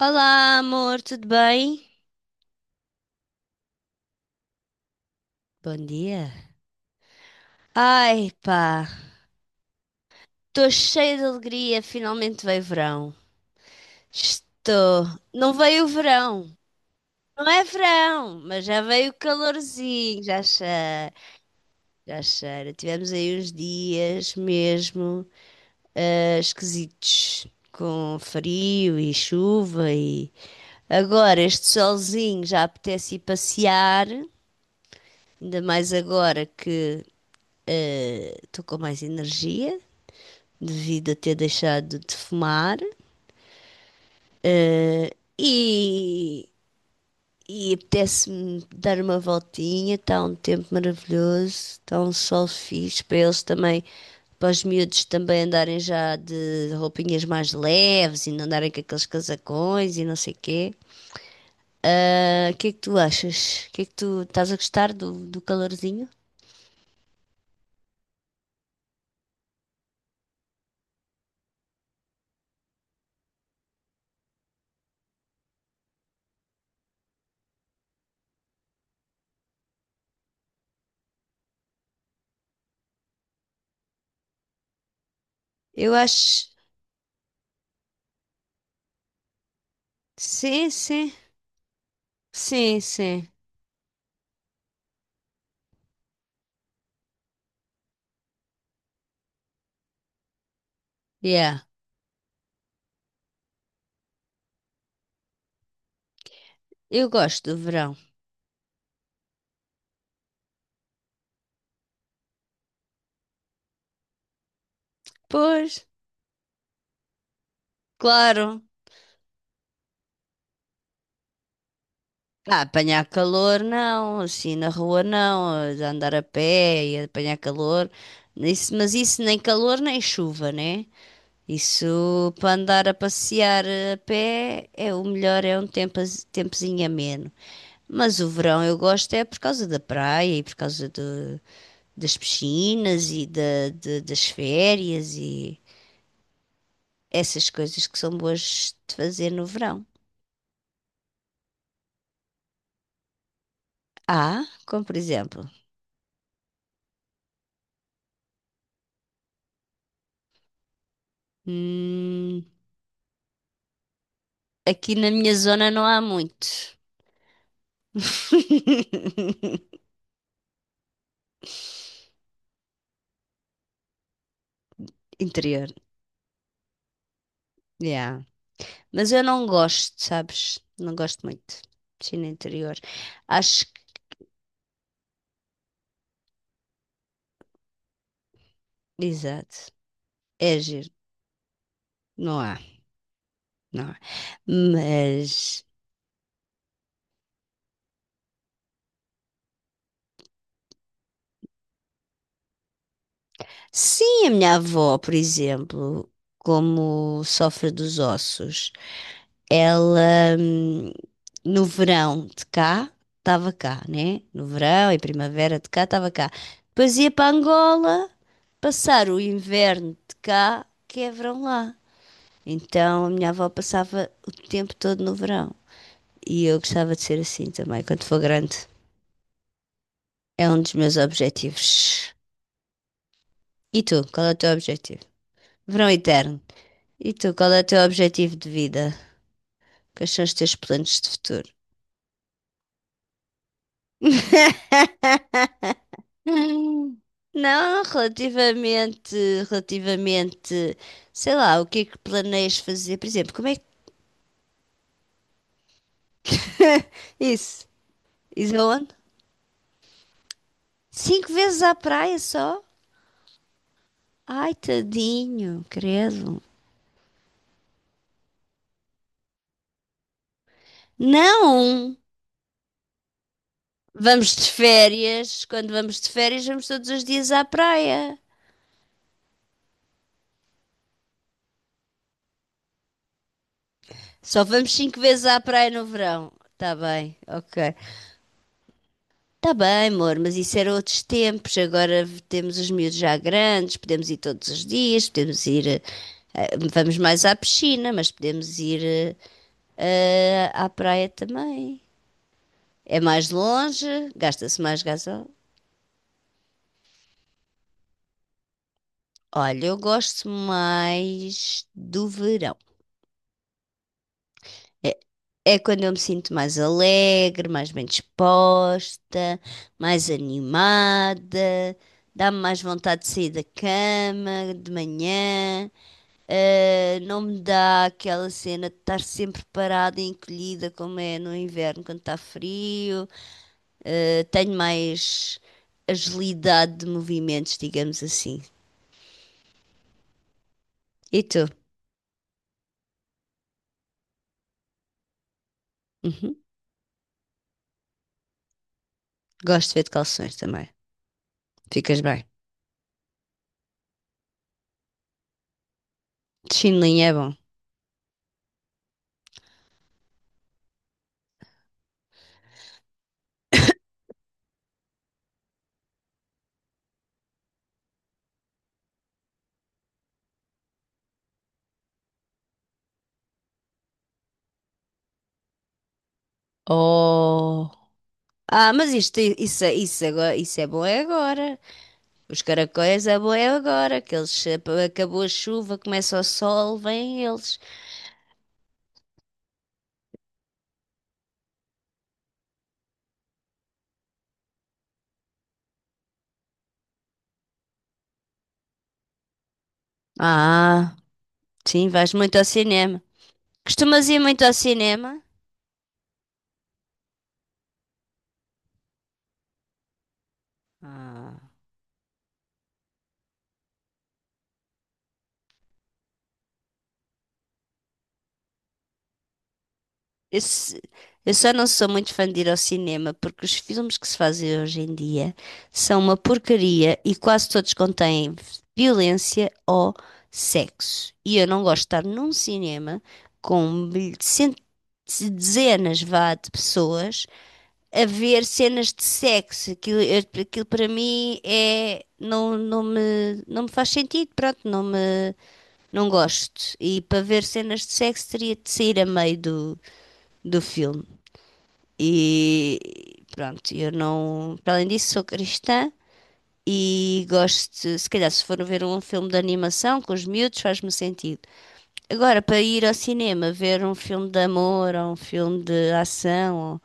Olá, amor, tudo bem? Bom dia. Ai, pá, estou cheia de alegria, finalmente veio verão. Estou. Não veio o verão. Não é verão, mas já veio o calorzinho, já cheira, já cheira. Tivemos aí uns dias mesmo esquisitos, com frio e chuva e agora este solzinho já apetece ir passear, ainda mais agora que estou com mais energia, devido a ter deixado de fumar. E, e apetece-me dar uma voltinha, está um tempo maravilhoso, está um sol fixe para eles também, para os miúdos também andarem já de roupinhas mais leves e não andarem com aqueles casacões e não sei o quê. Ah, O que é que tu achas? O que é que tu estás a gostar do calorzinho? Eu acho. Sim, sim, sim, sim. Yeah, eu gosto do verão. Pois, claro. Ah, apanhar calor não, assim na rua não, a andar a pé e apanhar calor. Isso, mas isso nem calor nem chuva, né? Isso para andar a passear a pé é o melhor, é um tempozinho ameno. Mas o verão eu gosto é por causa da praia e por causa das piscinas e das férias e essas coisas que são boas de fazer no verão. Ah, como por exemplo. Hum. Aqui na minha zona não há muitos. Interior, yeah. Mas eu não gosto, sabes? Não gosto muito de China interior. Acho que, exato, é giro. Não há, não há. Mas sim, a minha avó, por exemplo, como sofre dos ossos, ela, no verão de cá, estava cá, né? No verão e primavera de cá, estava cá. Depois ia para Angola passar o inverno de cá, que é verão lá. Então a minha avó passava o tempo todo no verão. E eu gostava de ser assim também, quando for grande. É um dos meus objetivos. E tu, qual é o teu objetivo? Verão eterno. E tu, qual é o teu objetivo de vida? Quais são os teus planos de futuro? Hum. Não, relativamente, sei lá, o que é que planeias fazer? Por exemplo, como é que. Isso, isso aonde? Cinco vezes à praia só? Ai, tadinho, credo. Não! Vamos de férias, quando vamos de férias, vamos todos os dias à praia. Só vamos cinco vezes à praia no verão. Tá bem, ok. Tá bem, amor, mas isso era outros tempos. Agora temos os miúdos já grandes, podemos ir todos os dias, podemos ir. Vamos mais à piscina, mas podemos ir à praia também. É mais longe, gasta-se mais gasol. Olha, eu gosto mais do verão. É, é quando eu me sinto mais alegre, mais bem disposta, mais animada, dá-me mais vontade de sair da cama de manhã. Não me dá aquela cena de estar sempre parada e encolhida, como é no inverno, quando está frio. Tenho mais agilidade de movimentos, digamos assim. E tu? Uhum. Gosto de ver de calções também. Ficas bem. De chinelinho é bom. Oh. Ah, mas isto, isso, agora, isso é bom é agora. Os caracóis é bom é agora. Que eles, acabou a chuva, começa o sol, vêm eles. Ah, sim, vais muito ao cinema. Costumas ir muito ao cinema? Ah. Eu, se- eu só não sou muito fã de ir ao cinema porque os filmes que se fazem hoje em dia são uma porcaria e quase todos contêm violência ou sexo. E eu não gosto de estar num cinema com dezenas, vá, de pessoas a ver cenas de sexo. Aquilo, aquilo para mim é, não, não me faz sentido, pronto, não me. Não gosto. E para ver cenas de sexo teria de sair a meio do filme. E pronto, eu não. Para além disso, sou cristã e gosto. Se calhar, se for ver um filme de animação com os miúdos, faz-me sentido. Agora, para ir ao cinema ver um filme de amor ou um filme de ação, ou,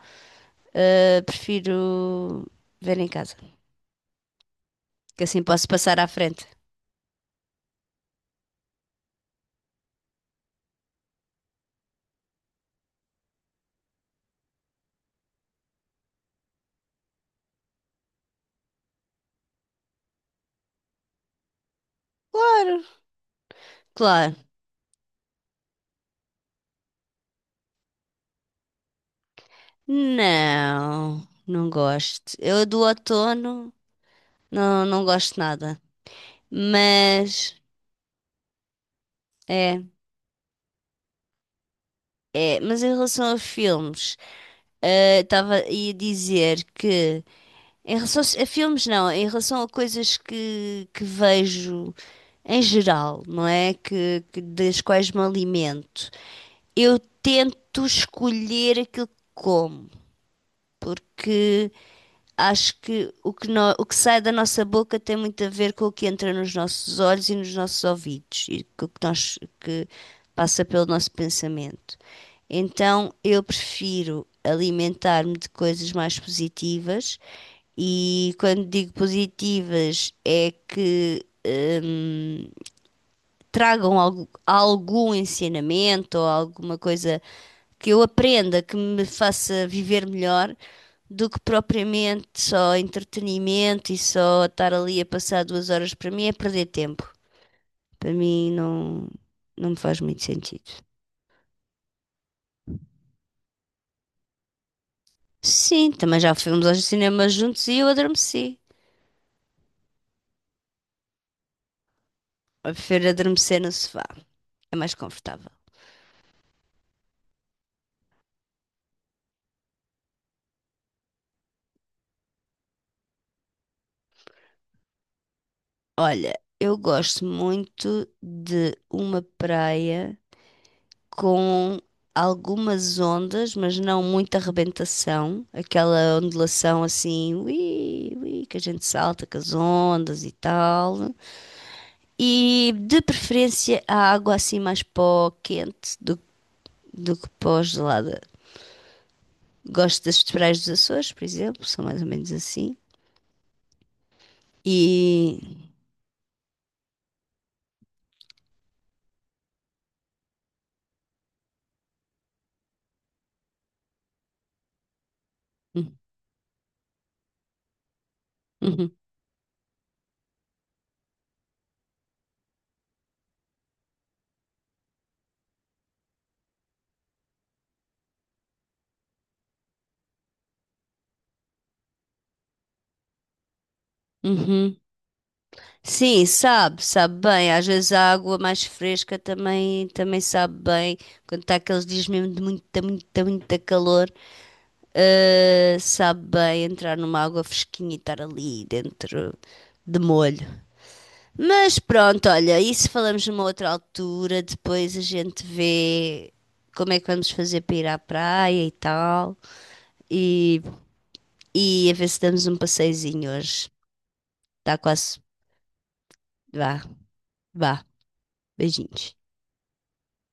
ah, prefiro ver em casa, que assim posso passar à frente. Claro, claro. Não, não gosto. Eu do outono. Não, não gosto de nada. Mas é, é. Mas em relação a filmes, eh, estava ia dizer que em relação a filmes não, em relação a coisas que vejo em geral, não é? Das quais me alimento. Eu tento escolher aquilo que como, porque acho que o que sai da nossa boca tem muito a ver com o que entra nos nossos olhos e nos nossos ouvidos e com o que nós que passa pelo nosso pensamento. Então, eu prefiro alimentar-me de coisas mais positivas e quando digo positivas é que hum, tragam algum ensinamento ou alguma coisa que eu aprenda que me faça viver melhor do que propriamente só entretenimento e só estar ali a passar 2 horas para mim é perder tempo. Para mim não, não me faz muito sentido. Sim, também já fomos aos cinemas juntos e eu adormeci. Eu prefiro adormecer no sofá, é mais confortável. Olha, eu gosto muito de uma praia com algumas ondas, mas não muita arrebentação, aquela ondulação assim, ui, ui, que a gente salta com as ondas e tal. E de preferência a água assim mais para o quente do que para o gelada. Gosto das praias dos Açores, por exemplo, são mais ou menos assim. E. Uhum, uhum. Sim, sabe, sabe bem. Às vezes a água mais fresca também, também sabe bem. Quando está aqueles dias mesmo de muita, muita, muita calor, sabe bem entrar numa água fresquinha e estar ali dentro de molho. Mas pronto, olha, isso falamos numa outra altura. Depois a gente vê como é que vamos fazer para ir à praia e tal. E, e a ver se damos um passeiozinho hoje. Está quase. Vá, vá. Beijinhos.